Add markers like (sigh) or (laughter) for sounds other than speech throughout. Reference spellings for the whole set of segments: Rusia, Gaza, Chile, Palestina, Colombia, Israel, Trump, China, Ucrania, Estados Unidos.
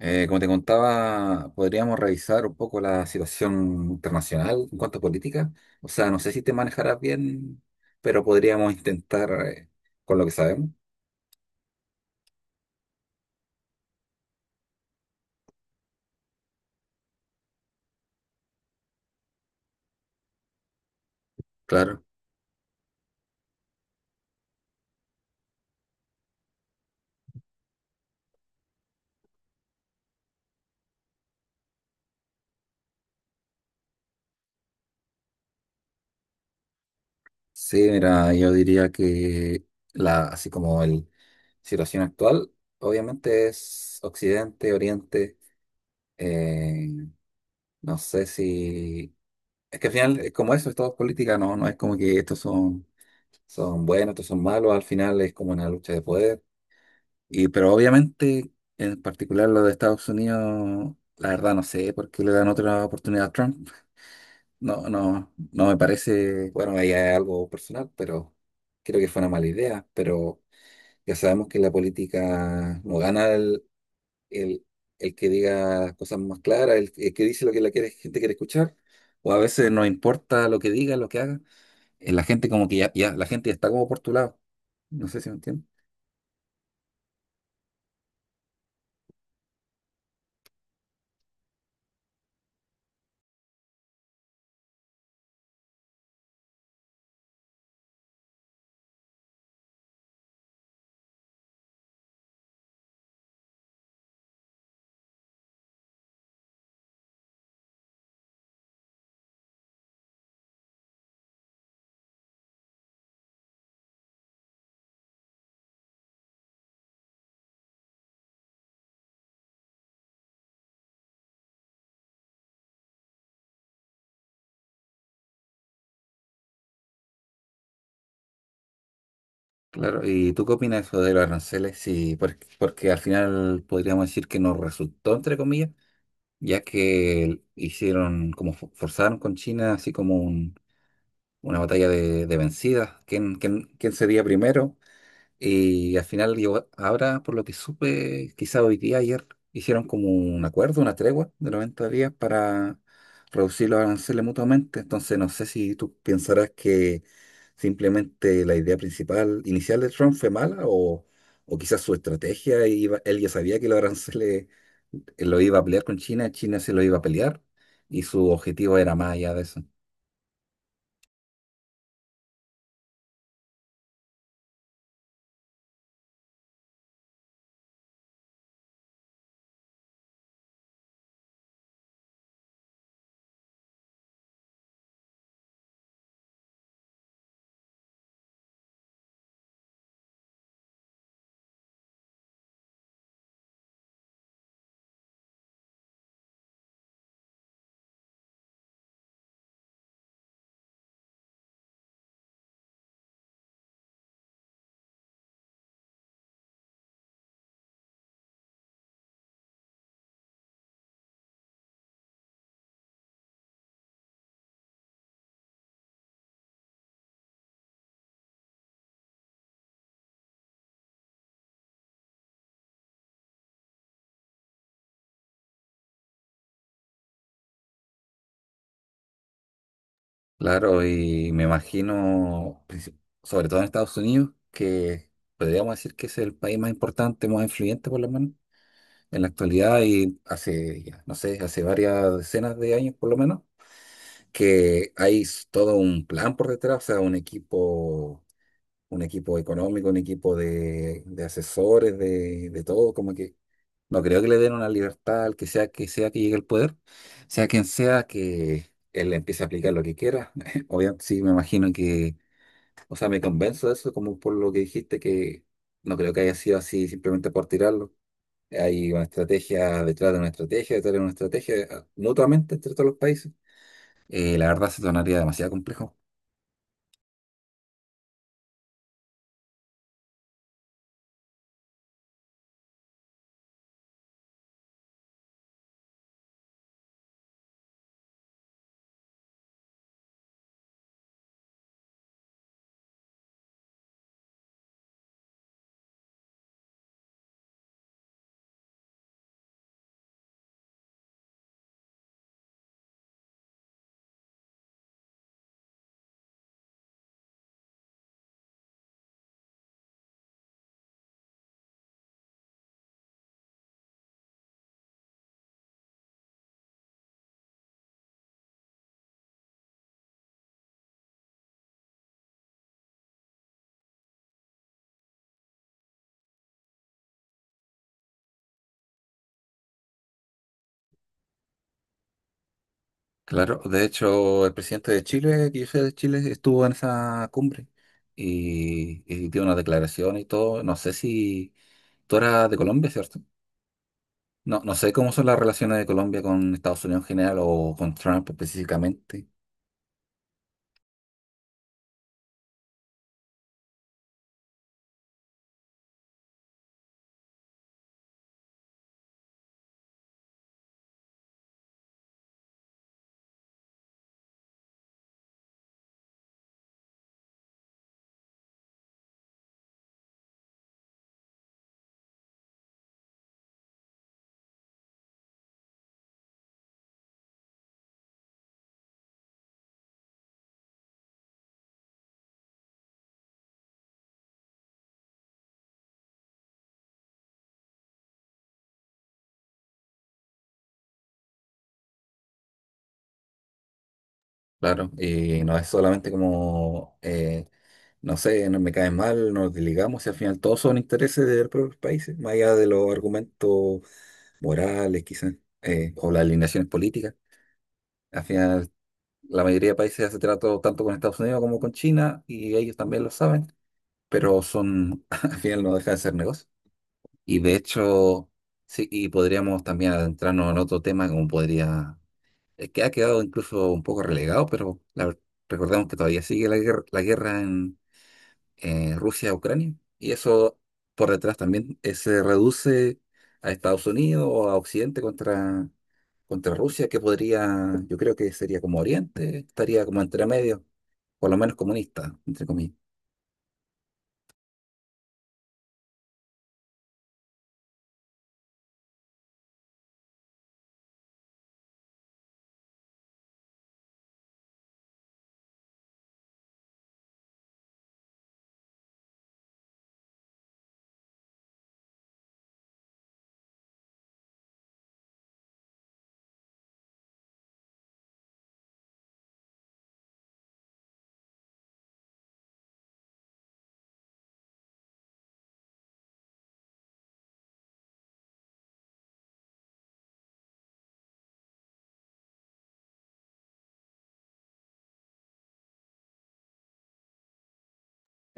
Como te contaba, podríamos revisar un poco la situación internacional en cuanto a política. O sea, no sé si te manejarás bien, pero podríamos intentar con lo que sabemos. Sí, mira, yo diría que la, así como la situación actual, obviamente es Occidente, Oriente. eh, no sé si... Es que al final, como eso, es todo política, ¿no? No es como que son buenos, estos son malos. Al final es como una lucha de poder. Pero obviamente, en particular lo de Estados Unidos, la verdad no sé por qué le dan otra oportunidad a Trump. No, no, no me parece, bueno, ahí hay algo personal, pero creo que fue una mala idea. Pero ya sabemos que en la política no gana el, el que diga las cosas más claras, el que dice lo que gente quiere escuchar, o a veces no importa lo que diga, lo que haga, la gente la gente ya está como por tu lado. No sé si me entiendes. Claro, ¿y tú qué opinas de eso de los aranceles? Si que al final podríamos decir que nos resultó, entre comillas, ya que hicieron, como forzaron con China, así como una batalla de vencidas. Quién cedía primero? Y al final, ahora, por lo que supe, quizá hoy día, ayer, hicieron como un acuerdo, una tregua de 90 días para reducir los aranceles mutuamente. Entonces, no sé si tú pensarás que simplemente la idea principal, inicial de Trump fue mala o quizás su estrategia, él ya sabía que los aranceles lo iba a pelear con China, China se lo iba a pelear y su objetivo era más allá de eso. Claro, y me imagino sobre todo en Estados Unidos, que podríamos decir que es el país más importante, más influyente por lo menos en la actualidad y hace, ya, no sé, hace varias decenas de años por lo menos, que todo un plan por detrás, o sea, un equipo económico, un equipo de asesores, de todo, como que no creo que le den una libertad al que sea que sea que llegue al poder, sea quien sea que él empiece a aplicar lo que quiera. (laughs) Obviamente, sí, me imagino que, o sea, me convenzo de eso como por lo que dijiste que no creo que haya sido así simplemente por tirarlo. Hay una estrategia detrás de una estrategia, detrás de una estrategia, mutuamente entre todos los países. La verdad se tornaría demasiado complejo. Claro, de hecho, el presidente de Chile, que yo sé de Chile, estuvo en esa cumbre y dio una declaración y todo. No sé si tú eras de Colombia, ¿cierto? No, no sé cómo son las relaciones de Colombia con Estados Unidos en general o con Trump. Claro, y no es solamente como, no sé, no me cae mal, nos desligamos y al final todos son intereses de los propios países, más allá de los argumentos morales quizás, o las alineaciones políticas. Al final la mayoría de países hace trato tanto con Estados Unidos como con China y ellos también lo saben, pero son, (laughs) al final no deja de ser negocio. Y de hecho, sí, y podríamos también adentrarnos en otro tema como podría, que ha quedado incluso un poco relegado, pero recordemos que todavía sigue la guerra, la guerra en Rusia-Ucrania. Y eso por detrás también se reduce a Estados Unidos o a Occidente contra Rusia, que podría, yo creo que sería como Oriente, estaría como entre medio, por lo menos comunista, entre comillas.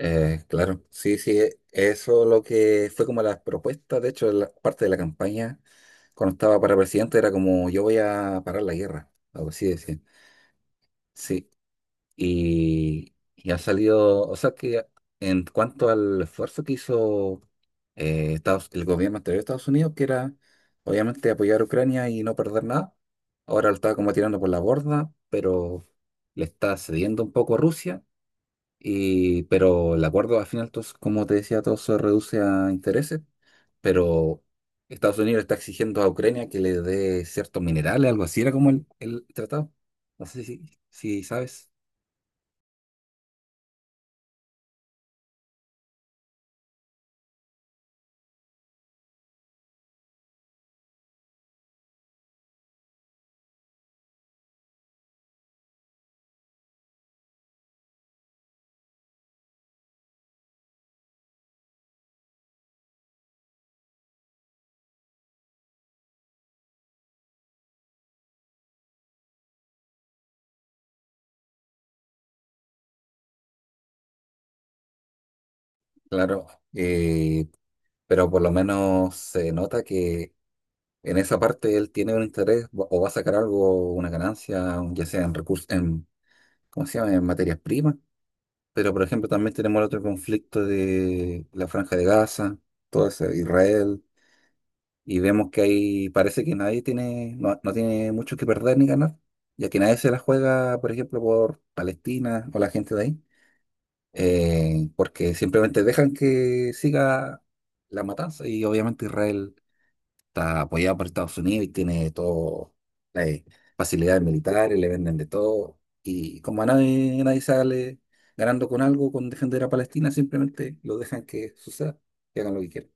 Claro, sí, sí, eso lo que fue como la... De hecho, la parte de la campaña no estaba para presidente, era como yo voy a parar la guerra, por así decía. Ha salido, o sea que en cuanto hizo el gobierno anterior de Estados Unidos, que era obviamente apoyar a Ucrania y no perder nada, ahora lo está como tirando por la borda, pero le está cediendo un poco a Rusia, y, pero el acuerdo al final, como te decía, todo se reduce a intereses, pero Estados Unidos está exigiendo a Ucrania que le dé ciertos minerales, algo así, era como el, no sé si. Claro, eh, pero por lo menos se nota que en esa parte él tiene un interés o va a sacar algo, una ganancia, ya sea en recursos, en, ¿cómo se llama? En materias primas. Pero, por ejemplo, también tenemos el otro conflicto de la Franja de Gaza, todo eso, Israel, y vemos que ahí parece que nadie tiene, no, no tiene mucho que perder ni ganar, ya que nadie se la juega, por ejemplo, por Palestina o la gente de ahí, porque simplemente dejan que siga la matanza y obviamente Israel está apoyado por Estados Unidos y tiene todo las facilidades militares, le venden de todo. Y como a nadie, nadie sale ganando con algo, con defender a Palestina, simplemente lo dejan que hagan lo que quieran.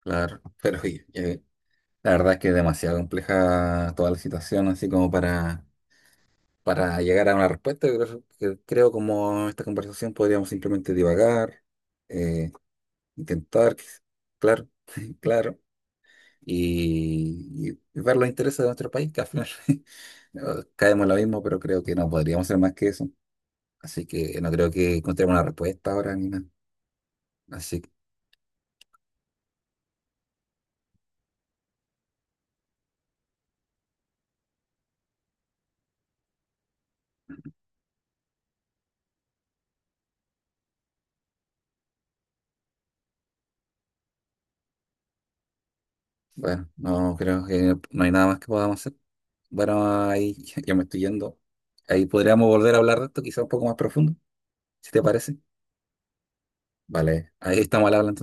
Claro, pero oye, la verdad es que es demasiado compleja toda la situación, así como para llegar a una respuesta. Creo como esta conversación podríamos simplemente divagar, eh, intent- claro, y ver los intereses de nuestro. Caemos en lo mismo, pero creo que no podríamos ser más que eso. Así que no creo que encontremos una respuesta ahora ni nada. Bueno, no creo que no hay nada más que podamos hacer. Bueno, ahí (laughs) ya me estoy yendo. Ahí podríamos volver a hablar de esto, quizá un poco más profundo. Vale, ahí estamos al habla.